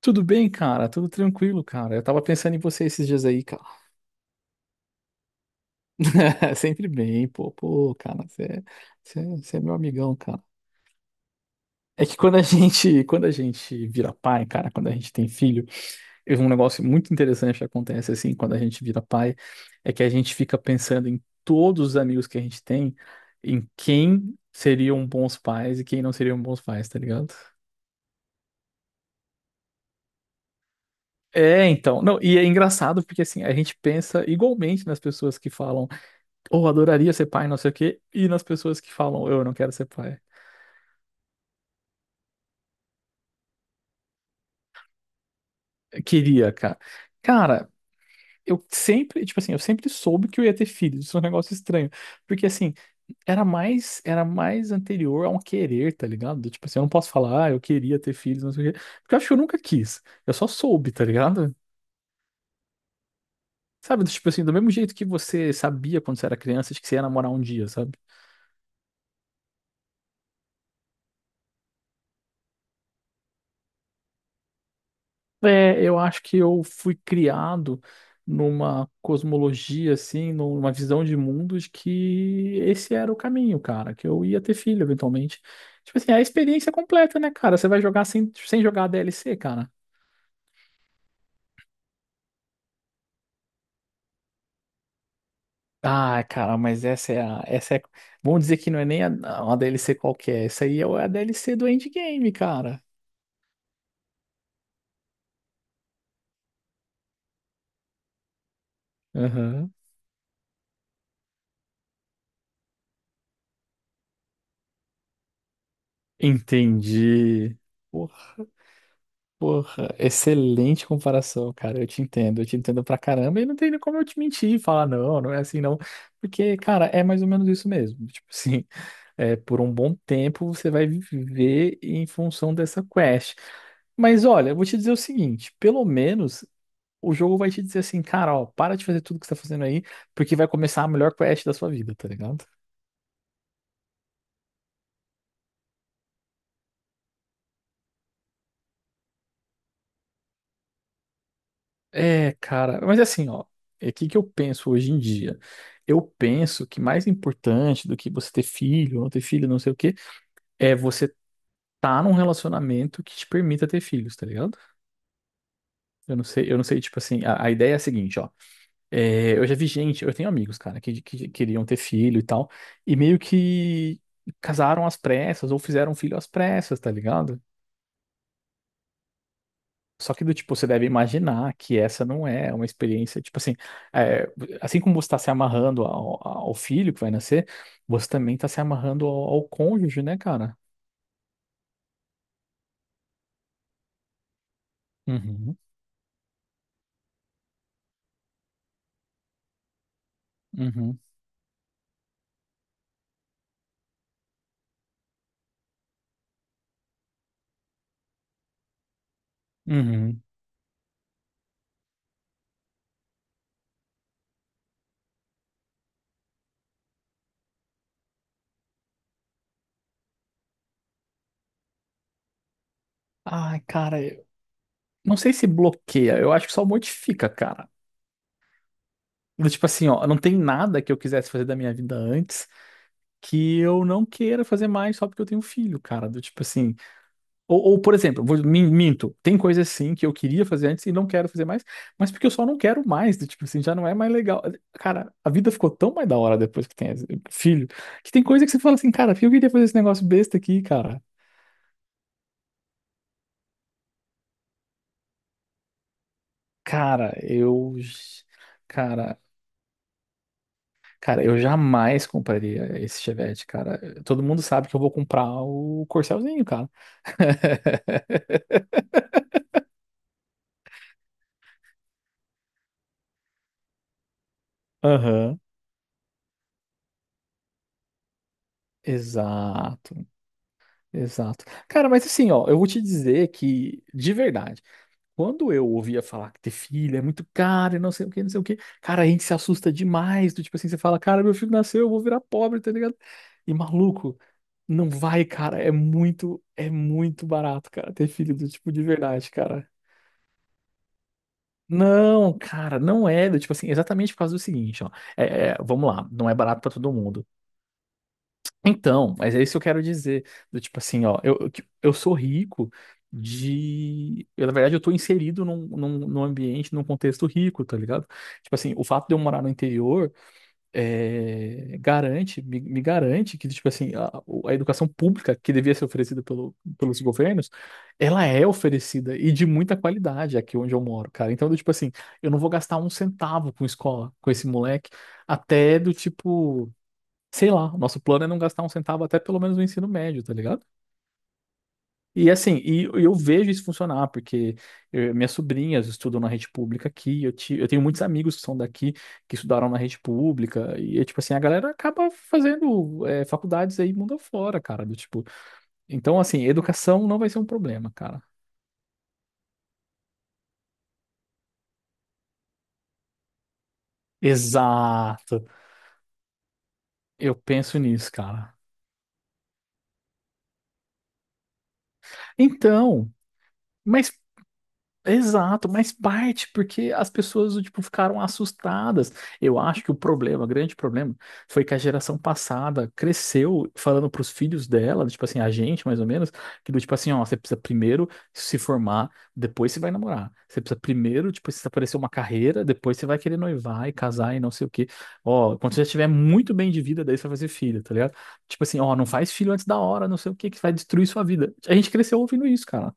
Tudo bem, cara? Tudo tranquilo, cara. Eu tava pensando em você esses dias aí, cara. Sempre bem, pô, cara, você é meu amigão, cara. É que quando a gente vira pai, cara, quando a gente tem filho, é um negócio muito interessante que acontece assim, quando a gente vira pai, é que a gente fica pensando em todos os amigos que a gente tem, em quem seriam bons pais e quem não seriam bons pais, tá ligado? É, então. Não, e é engraçado porque assim, a gente pensa igualmente nas pessoas que falam ou adoraria ser pai, não sei o quê, e nas pessoas que falam, eu não quero ser pai. Queria, cara. Cara, eu sempre, tipo assim, eu sempre soube que eu ia ter filhos, isso é um negócio estranho, porque assim, era mais anterior a um querer, tá ligado? Do tipo assim, eu não posso falar, ah, eu queria ter filhos, não sei o quê, porque eu acho que eu nunca quis, eu só soube, tá ligado? Sabe, do tipo assim, do mesmo jeito que você sabia quando você era criança de que você ia namorar um dia, sabe? É, eu acho que eu fui criado numa cosmologia, assim, numa visão de mundo de que esse era o caminho, cara, que eu ia ter filho eventualmente. Tipo assim, é a experiência completa, né, cara? Você vai jogar sem jogar a DLC, cara. Ah, cara, mas essa é, vamos dizer que não é nem a, uma DLC qualquer, essa aí é a DLC do endgame, cara. Aham. Entendi. Porra. Porra, excelente comparação, cara. Eu te entendo pra caramba. E não tem nem como eu te mentir e falar, não, não é assim, não. Porque, cara, é mais ou menos isso mesmo. Tipo assim, é, por um bom tempo você vai viver em função dessa quest. Mas olha, eu vou te dizer o seguinte: pelo menos o jogo vai te dizer assim, cara, ó, para de fazer tudo que você tá fazendo aí, porque vai começar a melhor quest da sua vida, tá ligado? É, cara, mas assim, ó, é o que que eu penso hoje em dia? Eu penso que mais importante do que você ter filho, ou não ter filho, não sei o quê, é você tá num relacionamento que te permita ter filhos, tá ligado? Eu não sei, tipo assim, a ideia é a seguinte, ó, é, eu já vi gente, eu tenho amigos, cara, que queriam ter filho e tal, e meio que casaram às pressas, ou fizeram filho às pressas, tá ligado? Só que do tipo, você deve imaginar que essa não é uma experiência, tipo assim, é, assim como você está se amarrando ao filho que vai nascer, você também está se amarrando ao cônjuge, né, cara? Uhum, uhum, uhum. Ai, cara, eu não sei se bloqueia, eu acho que só modifica, cara. Do tipo assim, ó, não tem nada que eu quisesse fazer da minha vida antes que eu não queira fazer mais só porque eu tenho um filho, cara. Do tipo assim, ou, por exemplo, minto, tem coisas sim que eu queria fazer antes e não quero fazer mais, mas porque eu só não quero mais, do tipo assim, já não é mais legal. Cara, a vida ficou tão mais da hora depois que tem filho, que tem coisa que você fala assim, cara, eu queria fazer esse negócio besta aqui, cara. Cara, eu. Cara, eu jamais compraria esse Chevette, cara. Todo mundo sabe que eu vou comprar o Corcelzinho, cara. Aham. Exato, exato. Cara, mas assim, ó, eu vou te dizer que, de verdade, quando eu ouvia falar que ter filho é muito caro e não sei o que, não sei o que, cara, a gente se assusta demais. Do tipo assim, você fala, cara, meu filho nasceu, eu vou virar pobre, tá ligado? E maluco, não vai, cara. É muito barato, cara, ter filho do tipo de verdade, cara. Não, cara, não é. Do tipo assim, exatamente por causa do seguinte, ó. É, vamos lá, não é barato pra todo mundo. Então, mas é isso que eu quero dizer. Do tipo assim, ó, eu sou rico de. Eu, na verdade, eu tô inserido num ambiente, num contexto rico, tá ligado? Tipo assim, o fato de eu morar no interior é, garante, me garante que, tipo assim, a educação pública que devia ser oferecida pelos governos, ela é oferecida e de muita qualidade aqui onde eu moro, cara. Então, do tipo assim, eu não vou gastar um centavo com escola, com esse moleque, até do tipo sei lá, o nosso plano é não gastar um centavo até pelo menos no ensino médio, tá ligado? E assim, e eu vejo isso funcionar, porque eh, minhas sobrinhas estudam na rede pública aqui, eu tenho muitos amigos que são daqui, que estudaram na rede pública, e é tipo assim, a galera acaba fazendo eh, faculdades aí mundo afora, cara, do tipo, então assim, educação não vai ser um problema, cara. Exato, eu penso nisso, cara. Então, mas exato, mas parte porque as pessoas tipo ficaram assustadas. Eu acho que o problema, o grande problema, foi que a geração passada cresceu falando para os filhos dela, tipo assim, a gente mais ou menos, que do tipo assim, ó, você precisa primeiro se formar, depois você vai namorar. Você precisa primeiro, tipo, se aparecer uma carreira, depois você vai querer noivar e casar e não sei o quê. Ó, quando você já tiver muito bem de vida, daí você vai fazer filho, tá ligado? Tipo assim, ó, não faz filho antes da hora, não sei o quê, que vai destruir sua vida. A gente cresceu ouvindo isso, cara.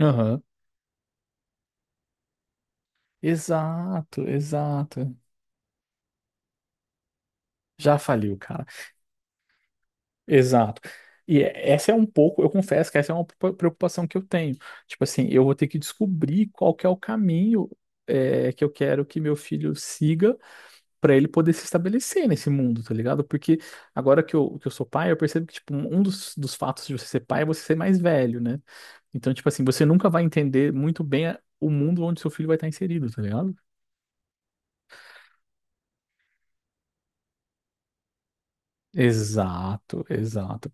Aham. Exato, exato. Já faliu, cara. Exato. E é- essa é um pouco, eu confesso que essa é uma preocupação que eu tenho. Tipo assim, eu vou ter que descobrir qual que é o caminho é, que eu quero que meu filho siga para ele poder se estabelecer nesse mundo, tá ligado? Porque agora que eu sou pai, eu percebo que tipo, um dos fatos de você ser pai é você ser mais velho, né? Então, tipo assim, você nunca vai entender muito bem o mundo onde seu filho vai estar inserido, tá ligado? Exato, exato.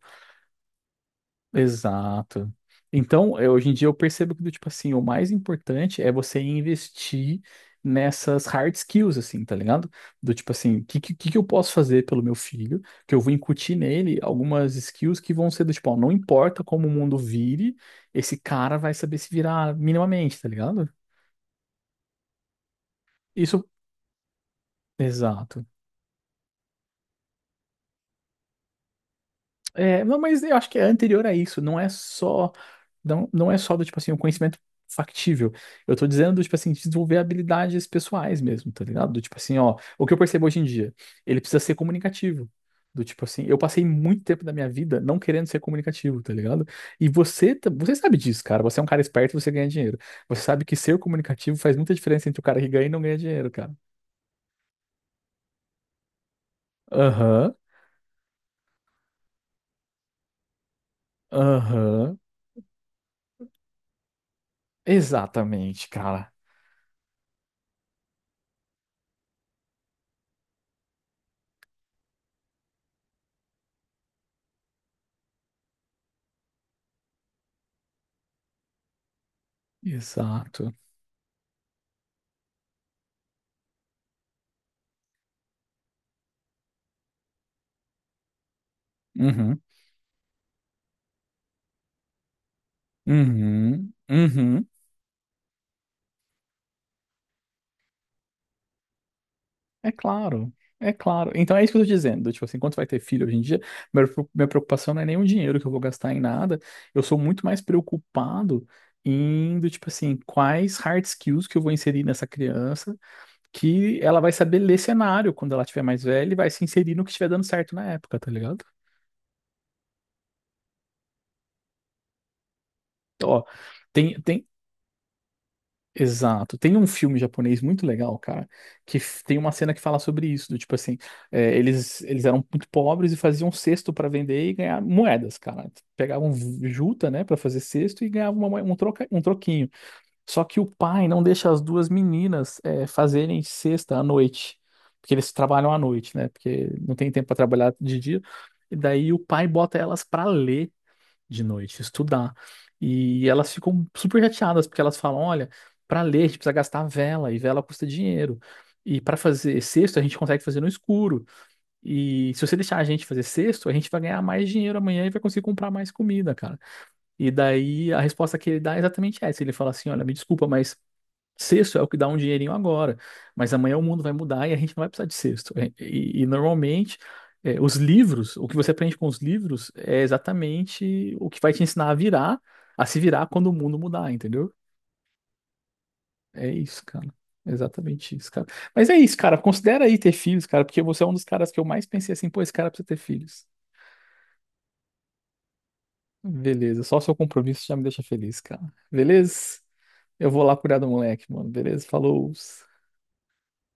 Exato. Então, eh, hoje em dia eu percebo que, do tipo assim, o mais importante é você investir nessas hard skills, assim, tá ligado? Do tipo assim, que eu posso fazer pelo meu filho? Que eu vou incutir nele algumas skills que vão ser do tipo, ó, não importa como o mundo vire, esse cara vai saber se virar minimamente, tá ligado? Isso, exato. É, não, mas eu acho que é anterior a isso, não é só do tipo assim, o conhecimento factível. Eu tô dizendo do tipo assim, desenvolver habilidades pessoais mesmo, tá ligado? Do tipo assim, ó, o que eu percebo hoje em dia, ele precisa ser comunicativo. Do tipo assim, eu passei muito tempo da minha vida não querendo ser comunicativo, tá ligado? E você, você sabe disso, cara. Você é um cara esperto, e você ganha dinheiro. Você sabe que ser comunicativo faz muita diferença entre o cara que ganha e não ganha dinheiro, cara. Aham, aham. Exatamente, cara. Exato. Uhum. Uhum, uhum. É claro, é claro. Então é isso que eu tô dizendo. Tipo assim, quando vai ter filho hoje em dia, minha preocupação não é nem o dinheiro que eu vou gastar em nada. Eu sou muito mais preocupado em, do tipo assim, quais hard skills que eu vou inserir nessa criança, que ela vai saber ler cenário quando ela tiver mais velha e vai se inserir no que estiver dando certo na época, tá ligado? Ó, tem, exato. Tem um filme japonês muito legal, cara, que tem uma cena que fala sobre isso, do tipo assim, é, eles eram muito pobres e faziam cesto pra vender e ganhar moedas, cara. Pegavam juta, né, pra fazer cesto e ganhavam um troca, um troquinho. Só que o pai não deixa as duas meninas é, fazerem cesta à noite, porque eles trabalham à noite, né? Porque não tem tempo pra trabalhar de dia. E daí o pai bota elas pra ler de noite, estudar. E elas ficam super chateadas, porque elas falam: olha, para ler a gente precisa gastar vela, e vela custa dinheiro. E para fazer cesto a gente consegue fazer no escuro. E se você deixar a gente fazer cesto a gente vai ganhar mais dinheiro amanhã e vai conseguir comprar mais comida, cara. E daí a resposta que ele dá é exatamente essa. Ele fala assim: olha, me desculpa, mas. Sexto é o que dá um dinheirinho agora, mas amanhã o mundo vai mudar e a gente não vai precisar de sexto. E, normalmente, é, os livros, o que você aprende com os livros é exatamente o que vai te ensinar a virar, a se virar quando o mundo mudar, entendeu? É isso, cara. É exatamente isso, cara. Mas é isso, cara. Considera aí ter filhos, cara, porque você é um dos caras que eu mais pensei assim, pô, esse cara precisa ter filhos. Beleza, só o seu compromisso já me deixa feliz, cara. Beleza? Eu vou lá cuidar do moleque, mano. Beleza? Falou.